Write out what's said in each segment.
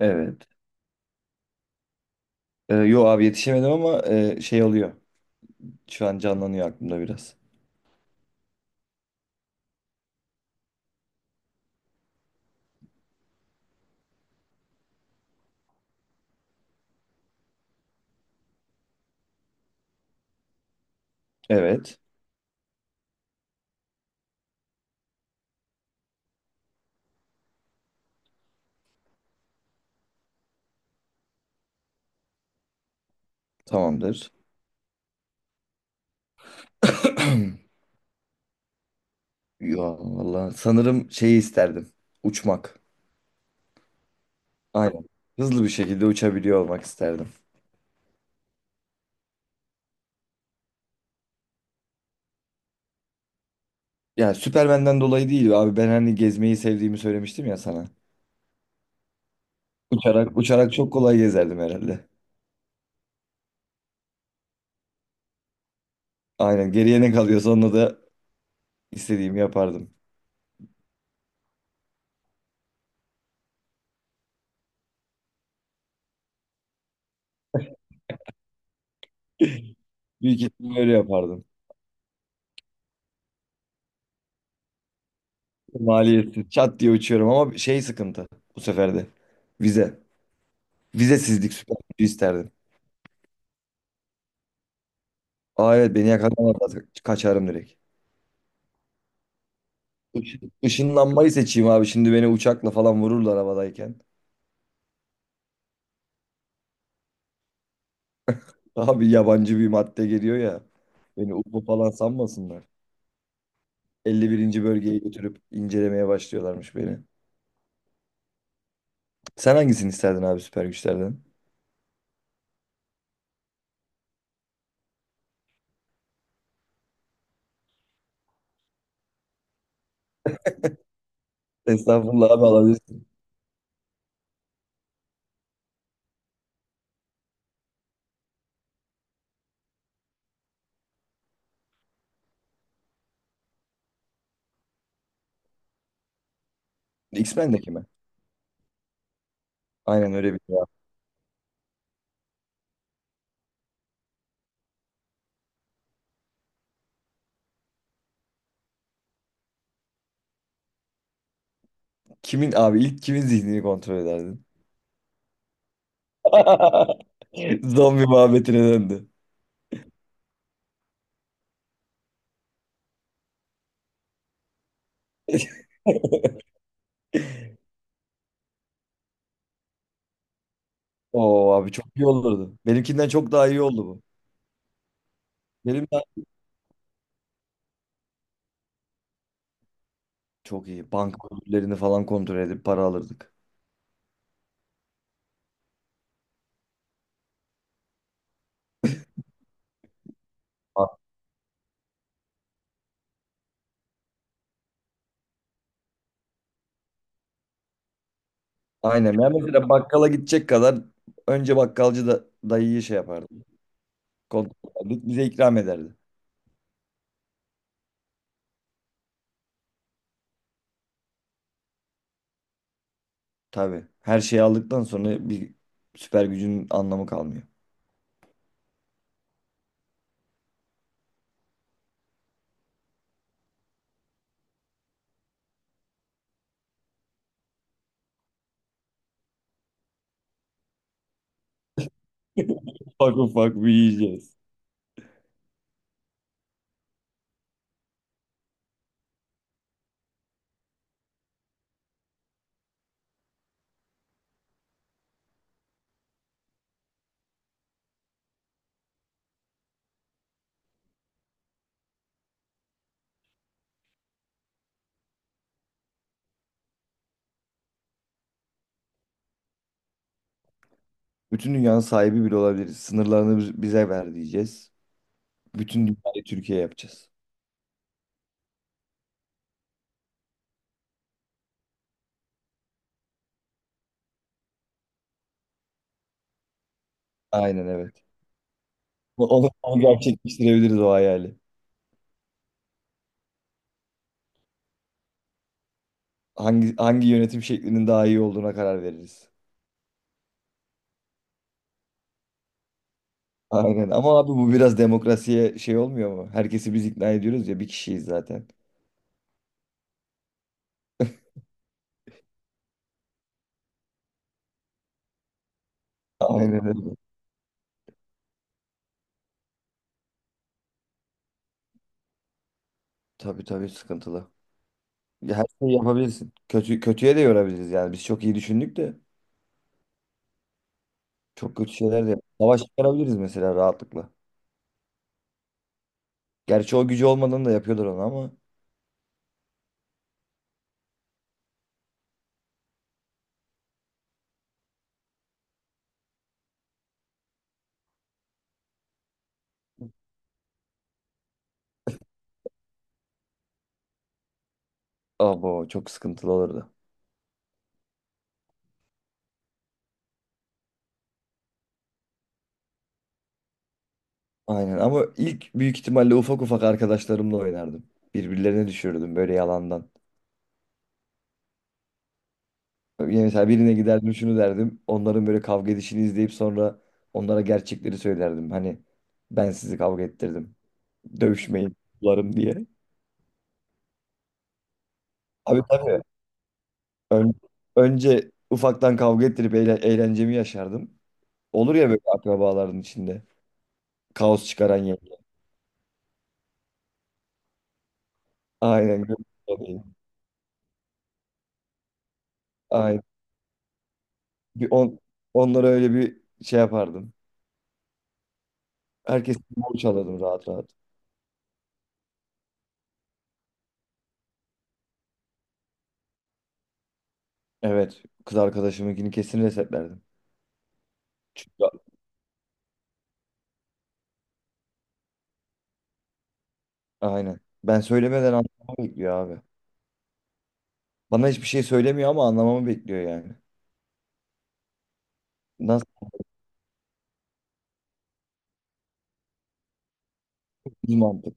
Evet. Yo abi yetişemedim ama şey oluyor. Şu an canlanıyor aklımda biraz. Evet. Tamamdır. Yo valla sanırım şeyi isterdim. Uçmak. Aynen. Hızlı bir şekilde uçabiliyor olmak isterdim. Yani Süpermen'den dolayı değil abi. Ben hani gezmeyi sevdiğimi söylemiştim ya sana. Uçarak çok kolay gezerdim herhalde. Aynen. Geriye ne kalıyorsa onunla da istediğimi yapardım. Büyük ihtimalle öyle yapardım. Maliyetsiz. Çat diye uçuyorum ama şey sıkıntı bu sefer de. Vize. Vizesizlik süper gücü isterdim. Aa evet beni yakalamazlar. Kaçarım direkt. Işın, ışınlanmayı seçeyim abi. Şimdi beni uçakla falan vururlar havadayken. Abi yabancı bir madde geliyor ya. Beni UFO falan sanmasınlar. 51'inci bölgeye götürüp incelemeye başlıyorlarmış beni. Sen hangisini isterdin abi süper güçlerden? Estağfurullah abi alabilirsin. X-Men'deki mi? Aynen öyle bir şey abi. Kimin abi ilk kimin zihnini kontrol ederdin? Zombi muhabbetine döndü. Oo abi çok iyi olurdu. Benimkinden çok daha iyi oldu bu. Benim de çok iyi. Banka ödüllerini falan kontrol edip para alırdık. A- Aynen. Ya mesela bakkala gidecek kadar önce bakkalcı da dayıyı şey yapardı. Kontrol ederdik, bize ikram ederdi. Tabii. Her şeyi aldıktan sonra bir süper gücün anlamı kalmıyor. Ufak ufak büyüyeceğiz. Bütün dünyanın sahibi bile olabiliriz. Sınırlarını bize ver diyeceğiz. Bütün dünyayı Türkiye yapacağız. Aynen evet. Onu gerçekleştirebiliriz o hayali. Hangi yönetim şeklinin daha iyi olduğuna karar veririz. Aynen ama abi bu biraz demokrasiye şey olmuyor mu? Herkesi biz ikna ediyoruz ya bir kişiyiz zaten. Aynen öyle. Tabii tabii sıkıntılı. Ya her şeyi yapabilirsin. Kötüye de yorabiliriz yani. Biz çok iyi düşündük de çok kötü şeyler de savaş çıkarabiliriz mesela rahatlıkla. Gerçi o gücü olmadan da yapıyorlar onu ama abo çok sıkıntılı olurdu. Aynen ama ilk büyük ihtimalle ufak ufak arkadaşlarımla oynardım. Birbirlerine düşürürdüm böyle yalandan. Yani mesela birine giderdim şunu derdim. Onların böyle kavga edişini izleyip sonra onlara gerçekleri söylerdim. Hani ben sizi kavga ettirdim. Dövüşmeyin. Bularım diye. Abi tabii. Ön- önce ufaktan kavga ettirip eğlencemi yaşardım. Olur ya böyle akrabaların içinde. Kaos çıkaran yenge. Aynen. Aynen. Bir on, onlara öyle bir şey yapardım. Herkes borç alırdım rahat rahat. Evet. Kız arkadaşımınkini kesin resetlerdim. Çünkü aynen. Ben söylemeden anlamamı bekliyor abi. Bana hiçbir şey söylemiyor ama anlamamı bekliyor yani. Nasıl bir mantık?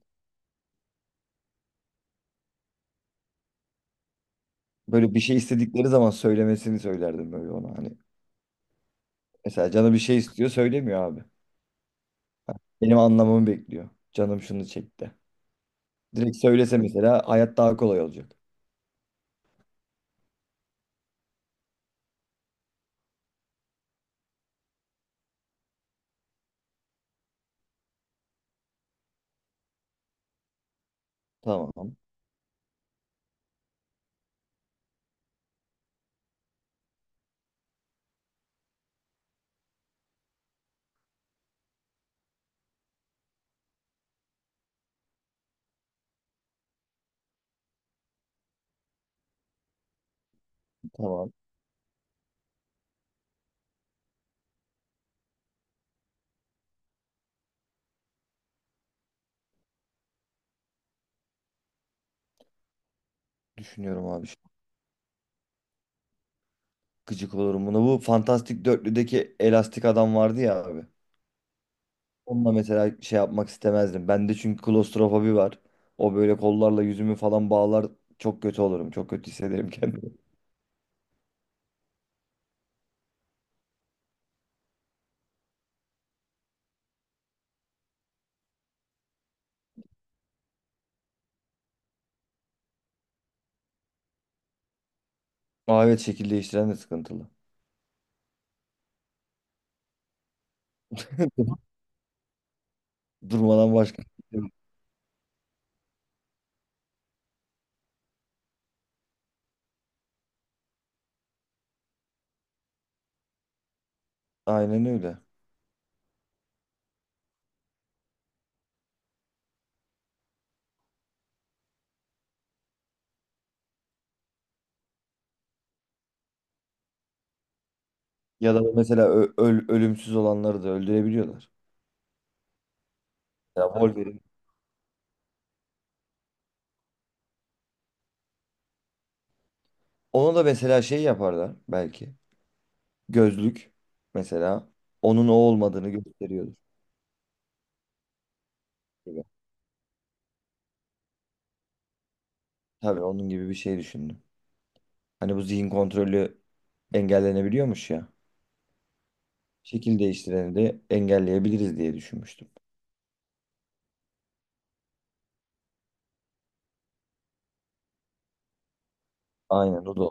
Böyle bir şey istedikleri zaman söylemesini söylerdim böyle ona hani. Mesela canı bir şey istiyor söylemiyor abi. Benim anlamamı bekliyor. Canım şunu çekti. Direkt söylese mesela hayat daha kolay olacak. Tamam, tamam. Düşünüyorum abi. Şu- an Gıcık olurum buna. Bu Fantastik Dörtlü'deki elastik adam vardı ya abi. Onunla mesela şey yapmak istemezdim. Bende çünkü klostrofobi var. O böyle kollarla yüzümü falan bağlar. Çok kötü olurum. Çok kötü hissederim kendimi. Aa, evet şekil değiştiren de sıkıntılı. Durmadan başka. Aynen öyle. Ya da mesela ö- öl ölümsüz olanları da öldürebiliyorlar. Ya Wolverine ona da mesela şey yaparlar belki. Gözlük mesela onun o olmadığını gösteriyordur gibi. Tabii onun gibi bir şey düşündüm. Hani bu zihin kontrolü engellenebiliyormuş ya. Şekil değiştireni de engelleyebiliriz diye düşünmüştüm. Aynen o da.